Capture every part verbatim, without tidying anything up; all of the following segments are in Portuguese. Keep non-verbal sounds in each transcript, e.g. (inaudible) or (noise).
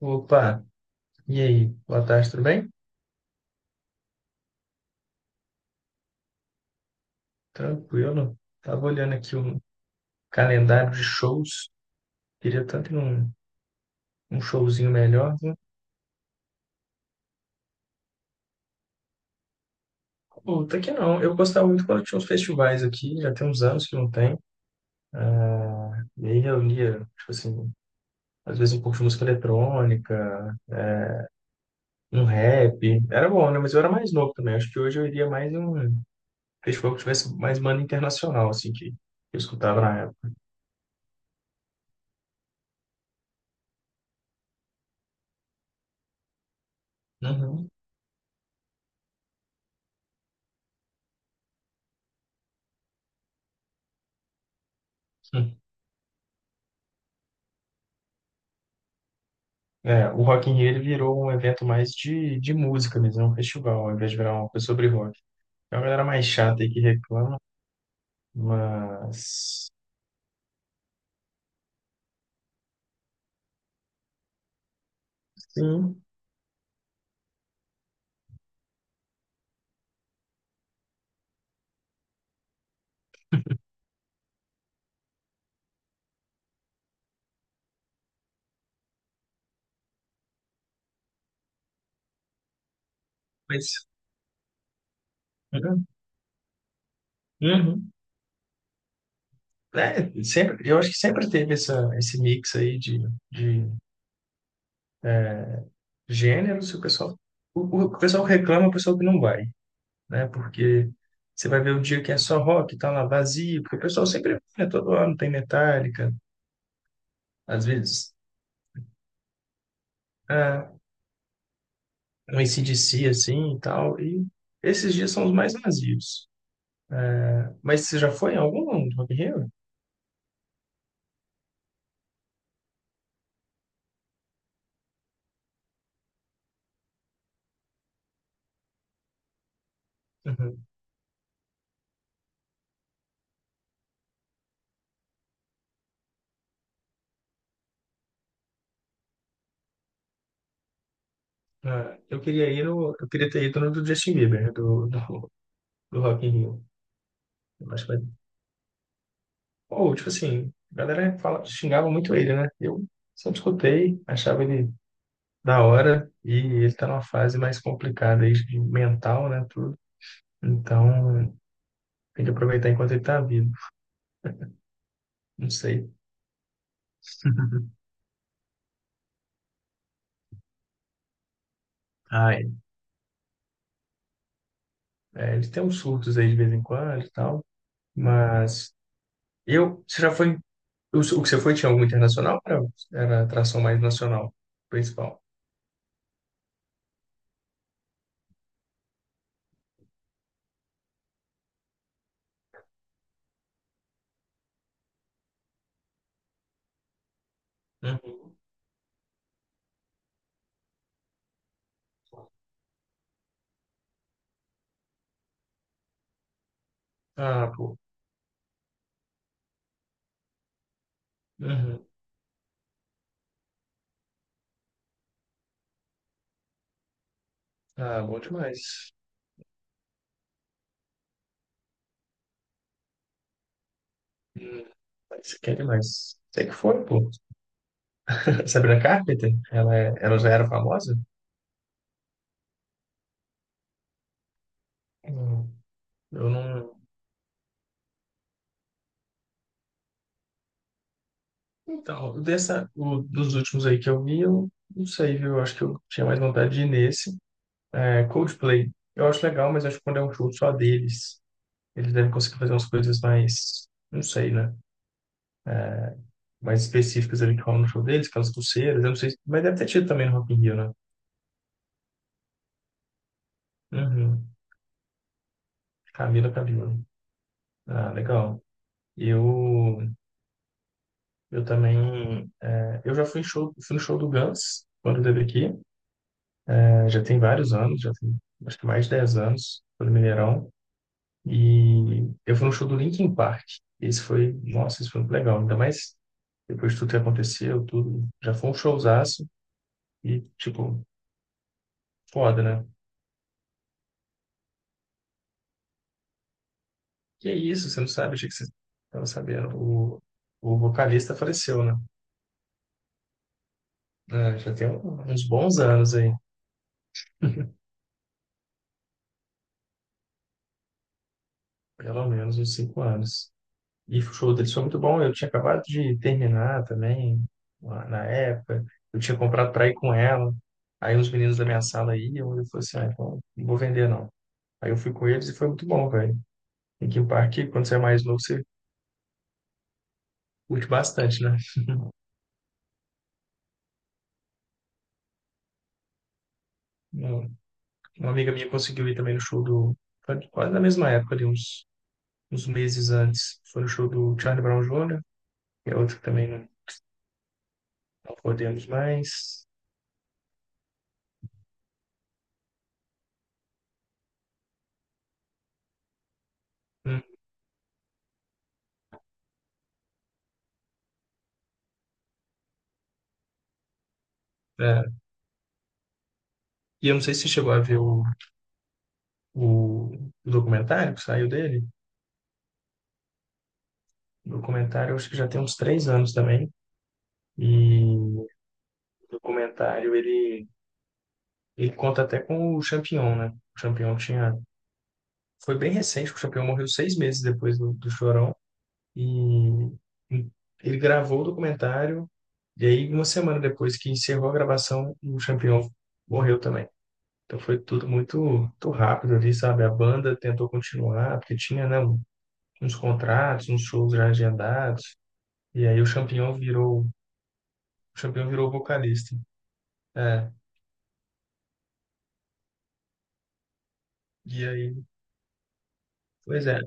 Opa, e aí? Boa tarde, tudo bem? Tranquilo. Tava olhando aqui um calendário de shows. Queria tanto ir num um showzinho melhor, né? Puta que não. Eu gostava muito quando tinha uns festivais aqui, já tem uns anos que não tem. Ah, e aí reunia, tipo assim, às vezes um pouco de música eletrônica, um rap. Era bom, né? Mas eu era mais novo também. Acho que hoje eu iria mais em um festival que tivesse mais banda internacional, assim, que eu escutava na época. Uhum. É, o Rock in Rio ele virou um evento mais de, de música mesmo, é um festival, ao invés de virar uma coisa sobre rock. É uma galera mais chata aí que reclama, mas. Sim, mas. Uhum. Uhum. É, sempre, eu acho que sempre teve essa, esse mix aí de, de é, gêneros, e o pessoal, o, o pessoal que reclama, é o pessoal que não vai, né? Porque você vai ver o dia que é só rock, tá lá vazio, porque o pessoal sempre, né, todo ano tem Metallica, às vezes. É. No A C/D C, assim, e tal. E esses dias são os mais vazios. Mas você já foi em algum do Rock in Rio? Uhum. Ah, eu queria ir no, eu queria ter ido no do Justin Bieber, né, do, do, do Rock in Rio. Eu acho que vai. Ou, tipo assim, a galera fala, xingava muito ele, né? Eu sempre escutei, achava ele da hora e ele tá numa fase mais complicada aí, de mental, né, tudo. Então, tem que aproveitar enquanto ele tá vivo. Não sei. (laughs) Ah, é. É, ele tem uns surtos aí de vez em quando e tal. Mas eu, você já foi, o, o que você foi tinha algum internacional? Era, era atração mais nacional, principal. Uhum. Ah, pô. Uhum. Ah, bom demais. Hum. Mas você quer demais. Sei que foi, pô. (laughs) Sabrina Carpenter? Ela, é- ela já era famosa? Não, eu não. Então, dessa, o- dos últimos aí que eu vi, eu não sei, viu? Eu acho que eu tinha mais vontade de ir nesse. É, Coldplay. Eu acho legal, mas acho que quando é um show só deles, eles devem conseguir fazer umas coisas mais. Não sei, né? Mais específicas ali que rolam no show deles, aquelas pulseiras, eu não sei, se- mas deve ter tido também no Rock in Rio, né? Uhum. Camila Cabello. Ah, legal. Eu, eu também, é, eu já fui, em show, fui no show do Guns, quando teve aqui. É, já tem vários anos, já tem acho que mais de dez anos, foi no Mineirão, e eu fui no show do Linkin Park. Esse foi, nossa, esse foi muito legal, ainda mais depois de tudo que aconteceu, tudo, já foi um showzaço, e tipo, foda, né? Que é isso, você não sabe? Achei que você. Eu não. O, o vocalista faleceu, né? É, já tem um- uns bons anos aí, pelo menos uns cinco anos. E o show deles foi muito bom. Eu tinha acabado de terminar também, lá na época. Eu tinha comprado para ir com ela. Aí uns meninos da minha sala iam, e eu falei assim, ah, então não vou vender não. Aí eu fui com eles e foi muito bom, velho. Linkin Park, quando você é mais novo, você curte bastante, né? Uma uma amiga minha conseguiu ir também no show do. Quase na mesma época, ali, uns uns meses antes foi o show do Charlie Brown júnior, que é outro que também não, não podemos mais. Hum, é. E eu não sei se você chegou a ver o, o, documentário que saiu dele. O documentário eu acho que já tem uns três anos também. E o documentário ele, ele conta até com o Champion, né? O Champion tinha. Foi bem recente, que o Champion morreu seis meses depois do, do Chorão. E ele gravou o documentário. E aí, uma semana depois que encerrou a gravação, o Champion morreu também. Então foi tudo muito, muito rápido ali, sabe? A banda tentou continuar, porque tinha, né, um, uns contratos, uns shows já agendados, e aí o Champignon virou, o Champignon virou vocalista. É, e aí, pois é.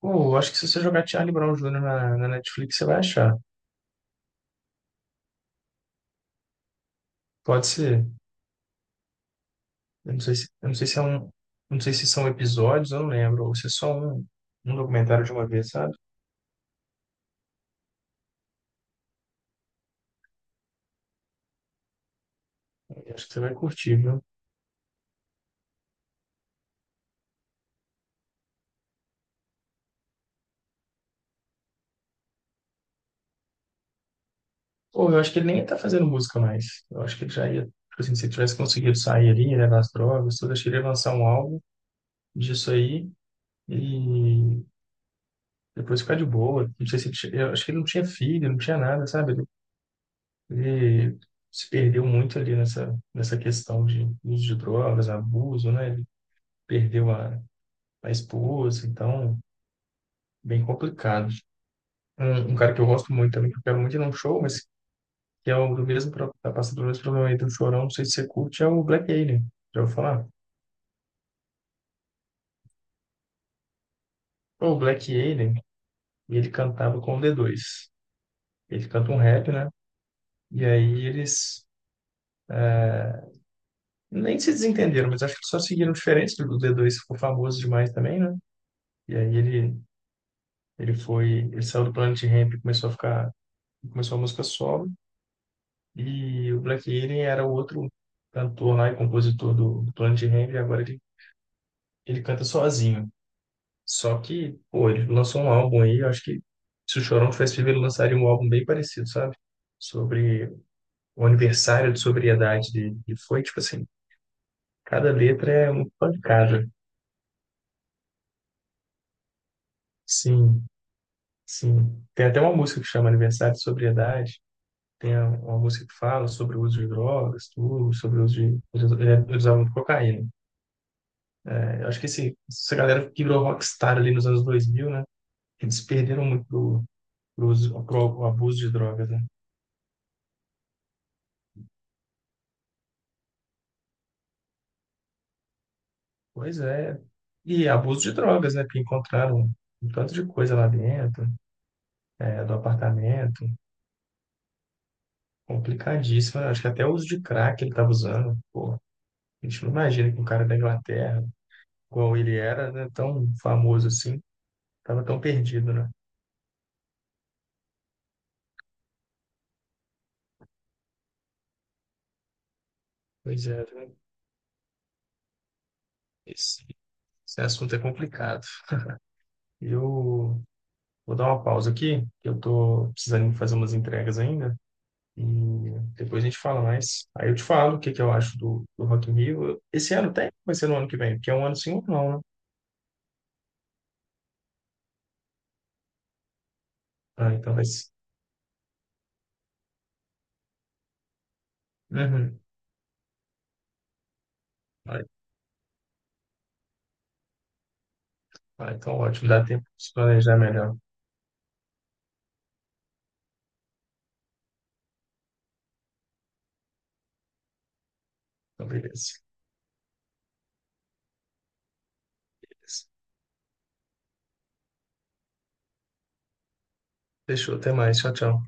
Pô, eu acho que se você jogar Charlie Brown júnior na, na Netflix, você vai achar. Pode ser. Eu não sei se, eu não sei se é um, não sei se são episódios, eu não lembro, ou se é só um, um documentário de uma vez, sabe? Eu acho que você vai curtir, viu? Pô, eu acho que ele nem ia estar fazendo música mais. Eu acho que ele já ia, tipo assim, se ele tivesse conseguido sair ali, né, das drogas, tudo, acho que ele ia lançar um álbum disso aí e depois ficar de boa. Não sei se ele, tinha- eu acho que ele não tinha filho, não tinha nada, sabe? Ele, ele se perdeu muito ali nessa, nessa questão de uso de drogas, abuso, né? Ele perdeu a, a esposa, então, bem complicado. Um, um cara que eu gosto muito também, que eu quero muito ir num show, mas que é o do mesmo, pro- tá passando pelo mesmo problema aí do Chorão, não sei se você curte, é o Black Alien. Já ouviu falar? O Black Alien, ele cantava com o D dois. Ele canta um rap, né? E aí eles nem se desentenderam, mas acho que só seguiram diferentes do D dois, ficou famoso demais também, né? E aí ele, ele foi, ele saiu do Planet Hemp e começou a ficar, começou a música solo. E o Black Alien era o outro cantor lá e compositor do, do Planet Hemp, e agora ele, ele canta sozinho. Só que, pô, ele lançou um álbum aí, eu acho que se o Chorão tivesse vivo, ele lançaria um álbum bem parecido, sabe? Sobre o aniversário de sobriedade dele. E foi, tipo assim, cada letra é uma pancada. Sim, sim. Tem até uma música que chama Aniversário de Sobriedade. Tem a- uma música que fala sobre o uso de drogas, tudo, sobre o uso de. Eles eles usavam cocaína, né? Eu acho que esse, essa galera que virou rockstar ali nos anos dois mil, né? Eles perderam muito pro, pro, uso- pro abuso de drogas, né? Pois é. E abuso de drogas, né? Porque encontraram um tanto de coisa lá dentro, é, do apartamento. Complicadíssimo, né? Acho que até o uso de crack ele estava usando. Pô, a gente não imagina que um cara da Inglaterra, igual ele era, né? Tão famoso assim, estava tão perdido, né? Pois é, né? esse, esse assunto é complicado. Eu vou dar uma pausa aqui, que eu tô precisando fazer umas entregas ainda. E depois a gente fala mais. Aí eu te falo o que que eu acho do, do Rock in Rio. Eu- Esse ano tem? Vai ser no ano que vem? Porque é um ano sim ou não, né? Ah, então vai ser. Uhum. Ah, ah, então ótimo. Dá tempo de se planejar melhor. Então, beleza. Beleza. Fechou. Até mais. Tchau, tchau.